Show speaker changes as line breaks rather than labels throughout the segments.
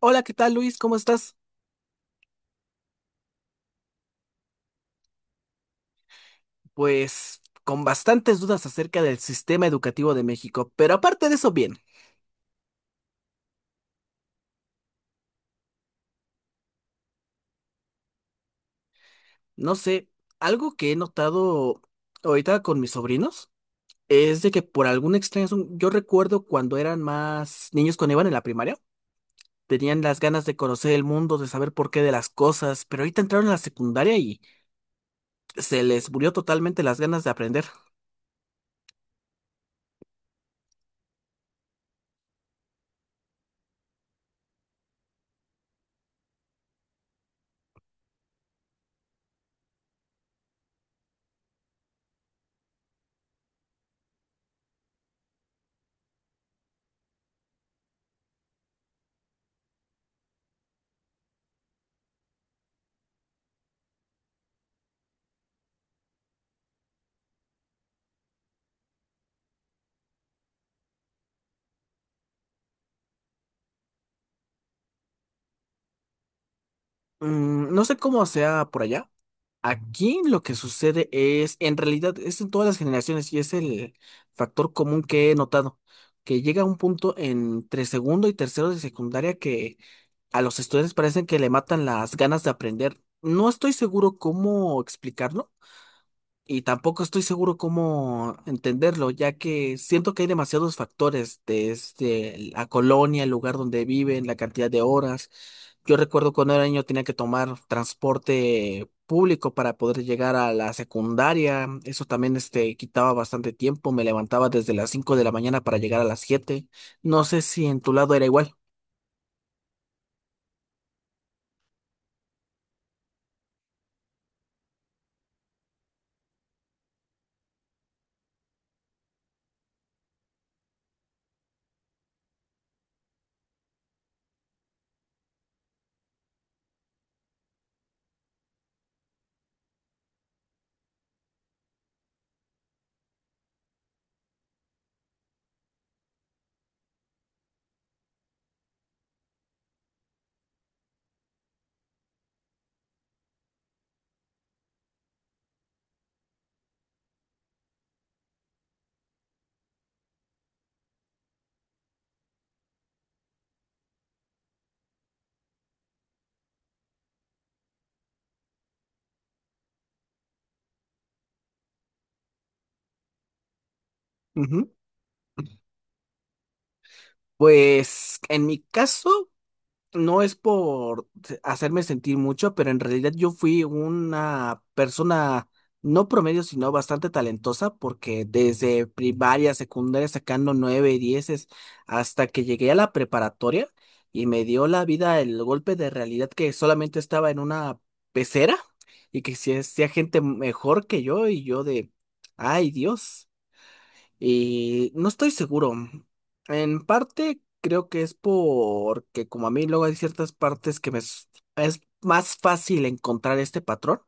Hola, ¿qué tal, Luis? ¿Cómo estás? Pues con bastantes dudas acerca del sistema educativo de México, pero aparte de eso, bien, no sé, algo que he notado ahorita con mis sobrinos es de que por alguna extraña razón, yo recuerdo cuando eran más niños cuando iban en la primaria, tenían las ganas de conocer el mundo, de saber por qué de las cosas, pero ahorita entraron a la secundaria y se les murió totalmente las ganas de aprender. Mm, no sé cómo sea por allá. Aquí lo que sucede es, en realidad, es en todas las generaciones y es el factor común que he notado, que llega un punto entre segundo y tercero de secundaria que a los estudiantes parecen que le matan las ganas de aprender. No estoy seguro cómo explicarlo, y tampoco estoy seguro cómo entenderlo, ya que siento que hay demasiados factores, desde la colonia, el lugar donde viven, la cantidad de horas. Yo recuerdo cuando era niño tenía que tomar transporte público para poder llegar a la secundaria. Eso también quitaba bastante tiempo. Me levantaba desde las 5 de la mañana para llegar a las 7. No sé si en tu lado era igual. Ujú. Pues en mi caso, no es por hacerme sentir mucho, pero en realidad yo fui una persona no promedio, sino bastante talentosa, porque desde primaria, secundaria, sacando nueve, dieces, hasta que llegué a la preparatoria y me dio la vida el golpe de realidad que solamente estaba en una pecera y que si hacía gente mejor que yo, y yo de, ay Dios. Y no estoy seguro. En parte creo que es porque como a mí luego hay ciertas partes que es más fácil encontrar este patrón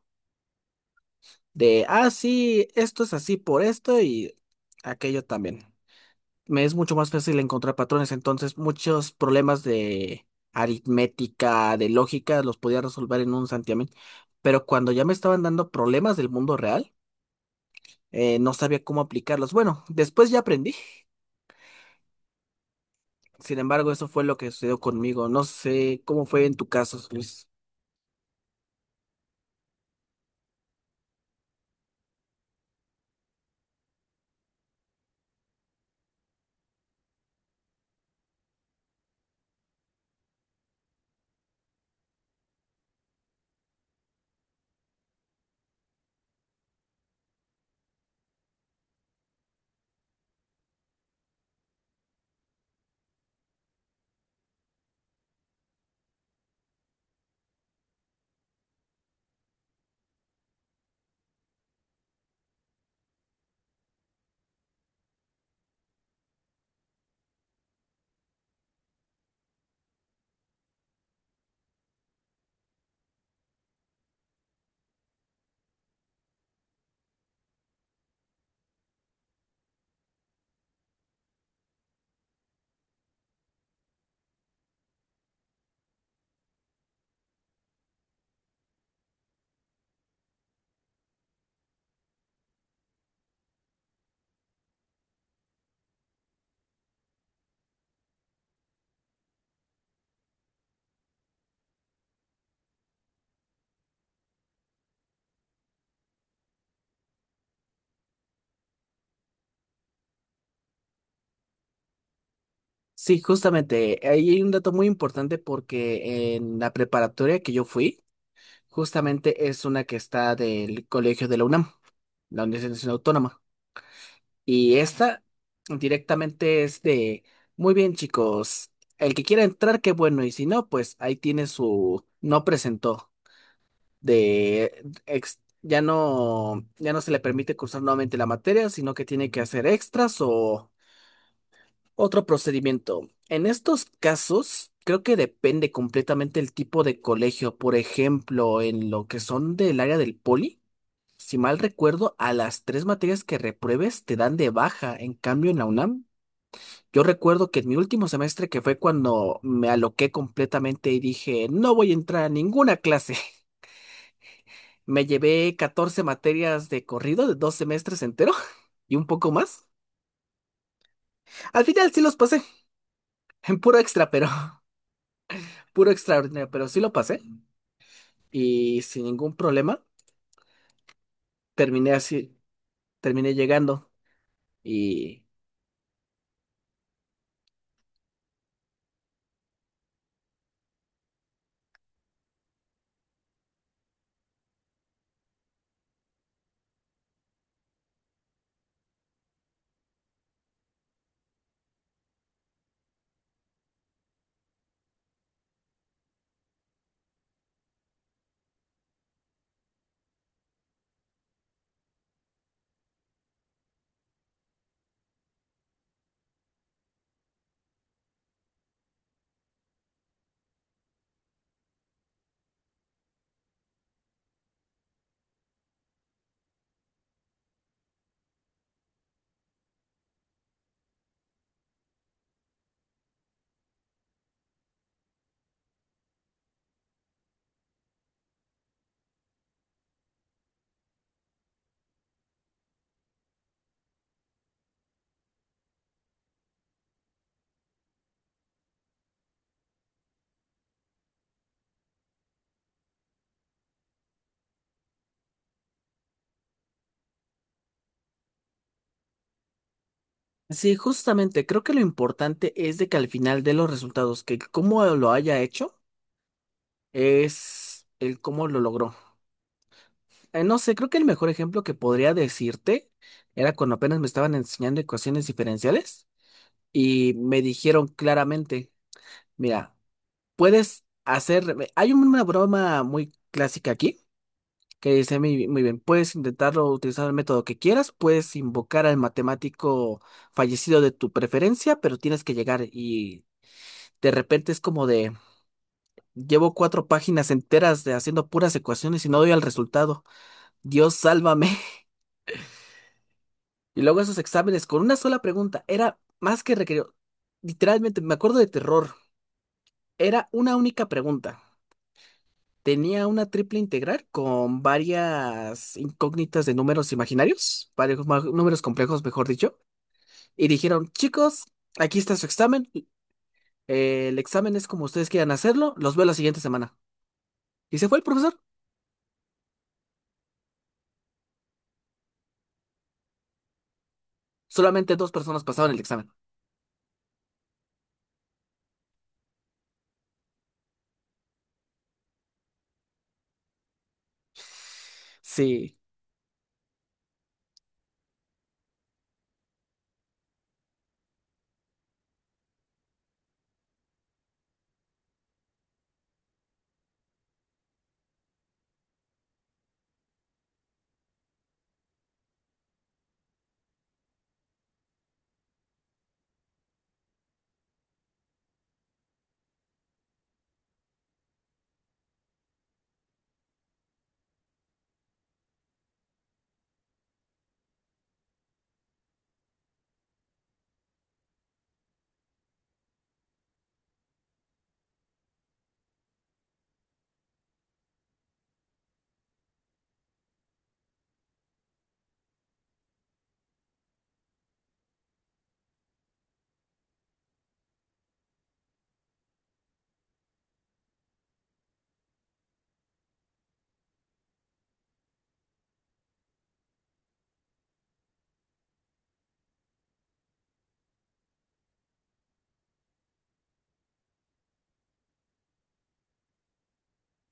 de, ah, sí, esto es así por esto y aquello también. Me es mucho más fácil encontrar patrones, entonces muchos problemas de aritmética, de lógica, los podía resolver en un santiamén. Pero cuando ya me estaban dando problemas del mundo real, no sabía cómo aplicarlos. Bueno, después ya aprendí. Sin embargo, eso fue lo que sucedió conmigo. No sé cómo fue en tu caso, Luis. Sí, justamente, ahí hay un dato muy importante porque en la preparatoria que yo fui, justamente es una que está del colegio de la UNAM, la Universidad Nacional Autónoma. Y esta directamente es de, muy bien chicos, el que quiera entrar, qué bueno, y si no, pues ahí tiene su no presentó. Ya no, ya no se le permite cursar nuevamente la materia, sino que tiene que hacer extras o otro procedimiento. En estos casos, creo que depende completamente el tipo de colegio. Por ejemplo, en lo que son del área del poli, si mal recuerdo, a las tres materias que repruebes te dan de baja. En cambio, en la UNAM, yo recuerdo que en mi último semestre, que fue cuando me aloqué completamente y dije, no voy a entrar a ninguna clase. Me llevé 14 materias de corrido de 2 semestres entero y un poco más. Al final sí los pasé, en puro extra, pero puro extraordinario, pero sí lo pasé y sin ningún problema terminé así, terminé llegando. Y sí, justamente creo que lo importante es de que al final de los resultados, que cómo lo haya hecho es el cómo lo logró. No sé, creo que el mejor ejemplo que podría decirte era cuando apenas me estaban enseñando ecuaciones diferenciales y me dijeron claramente, mira, puedes hacer. Hay una broma muy clásica aquí que dice muy, muy bien: puedes intentarlo utilizando el método que quieras, puedes invocar al matemático fallecido de tu preferencia, pero tienes que llegar y de repente es como de. Llevo cuatro páginas enteras de haciendo puras ecuaciones y no doy al resultado. Dios, sálvame. Y luego esos exámenes con una sola pregunta. Era más que requerido. Literalmente, me acuerdo de terror. Era una única pregunta. Tenía una triple integral con varias incógnitas de números imaginarios, varios números complejos, mejor dicho, y dijeron, chicos, aquí está su examen, el examen es como ustedes quieran hacerlo, los veo la siguiente semana. Y se fue el profesor, solamente dos personas pasaban el examen. Sí,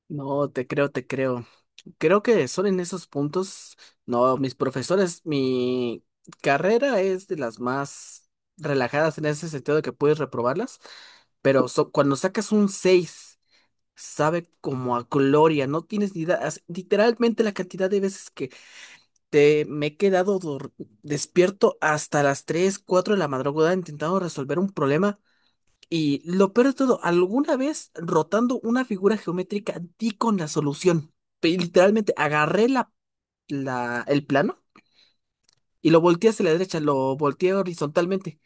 no, te creo, te creo. Creo que son en esos puntos, no, mis profesores, mi carrera es de las más relajadas en ese sentido de que puedes reprobarlas, pero cuando sacas un 6 sabe como a gloria, no tienes ni idea. Literalmente la cantidad de veces que te me he quedado despierto hasta las 3 4 de la madrugada intentando resolver un problema. Y lo peor de todo, alguna vez rotando una figura geométrica di con la solución. Literalmente agarré el plano y lo volteé hacia la derecha, lo volteé horizontalmente.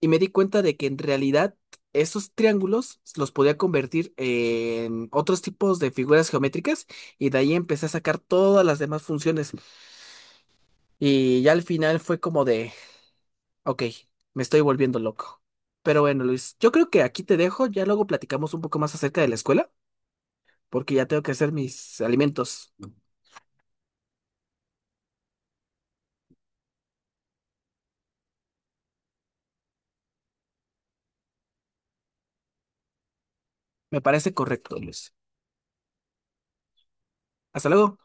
Y me di cuenta de que en realidad esos triángulos los podía convertir en otros tipos de figuras geométricas y de ahí empecé a sacar todas las demás funciones. Y ya al final fue como de, ok, me estoy volviendo loco. Pero bueno, Luis, yo creo que aquí te dejo, ya luego platicamos un poco más acerca de la escuela, porque ya tengo que hacer mis alimentos. Me parece correcto, Luis. Hasta luego.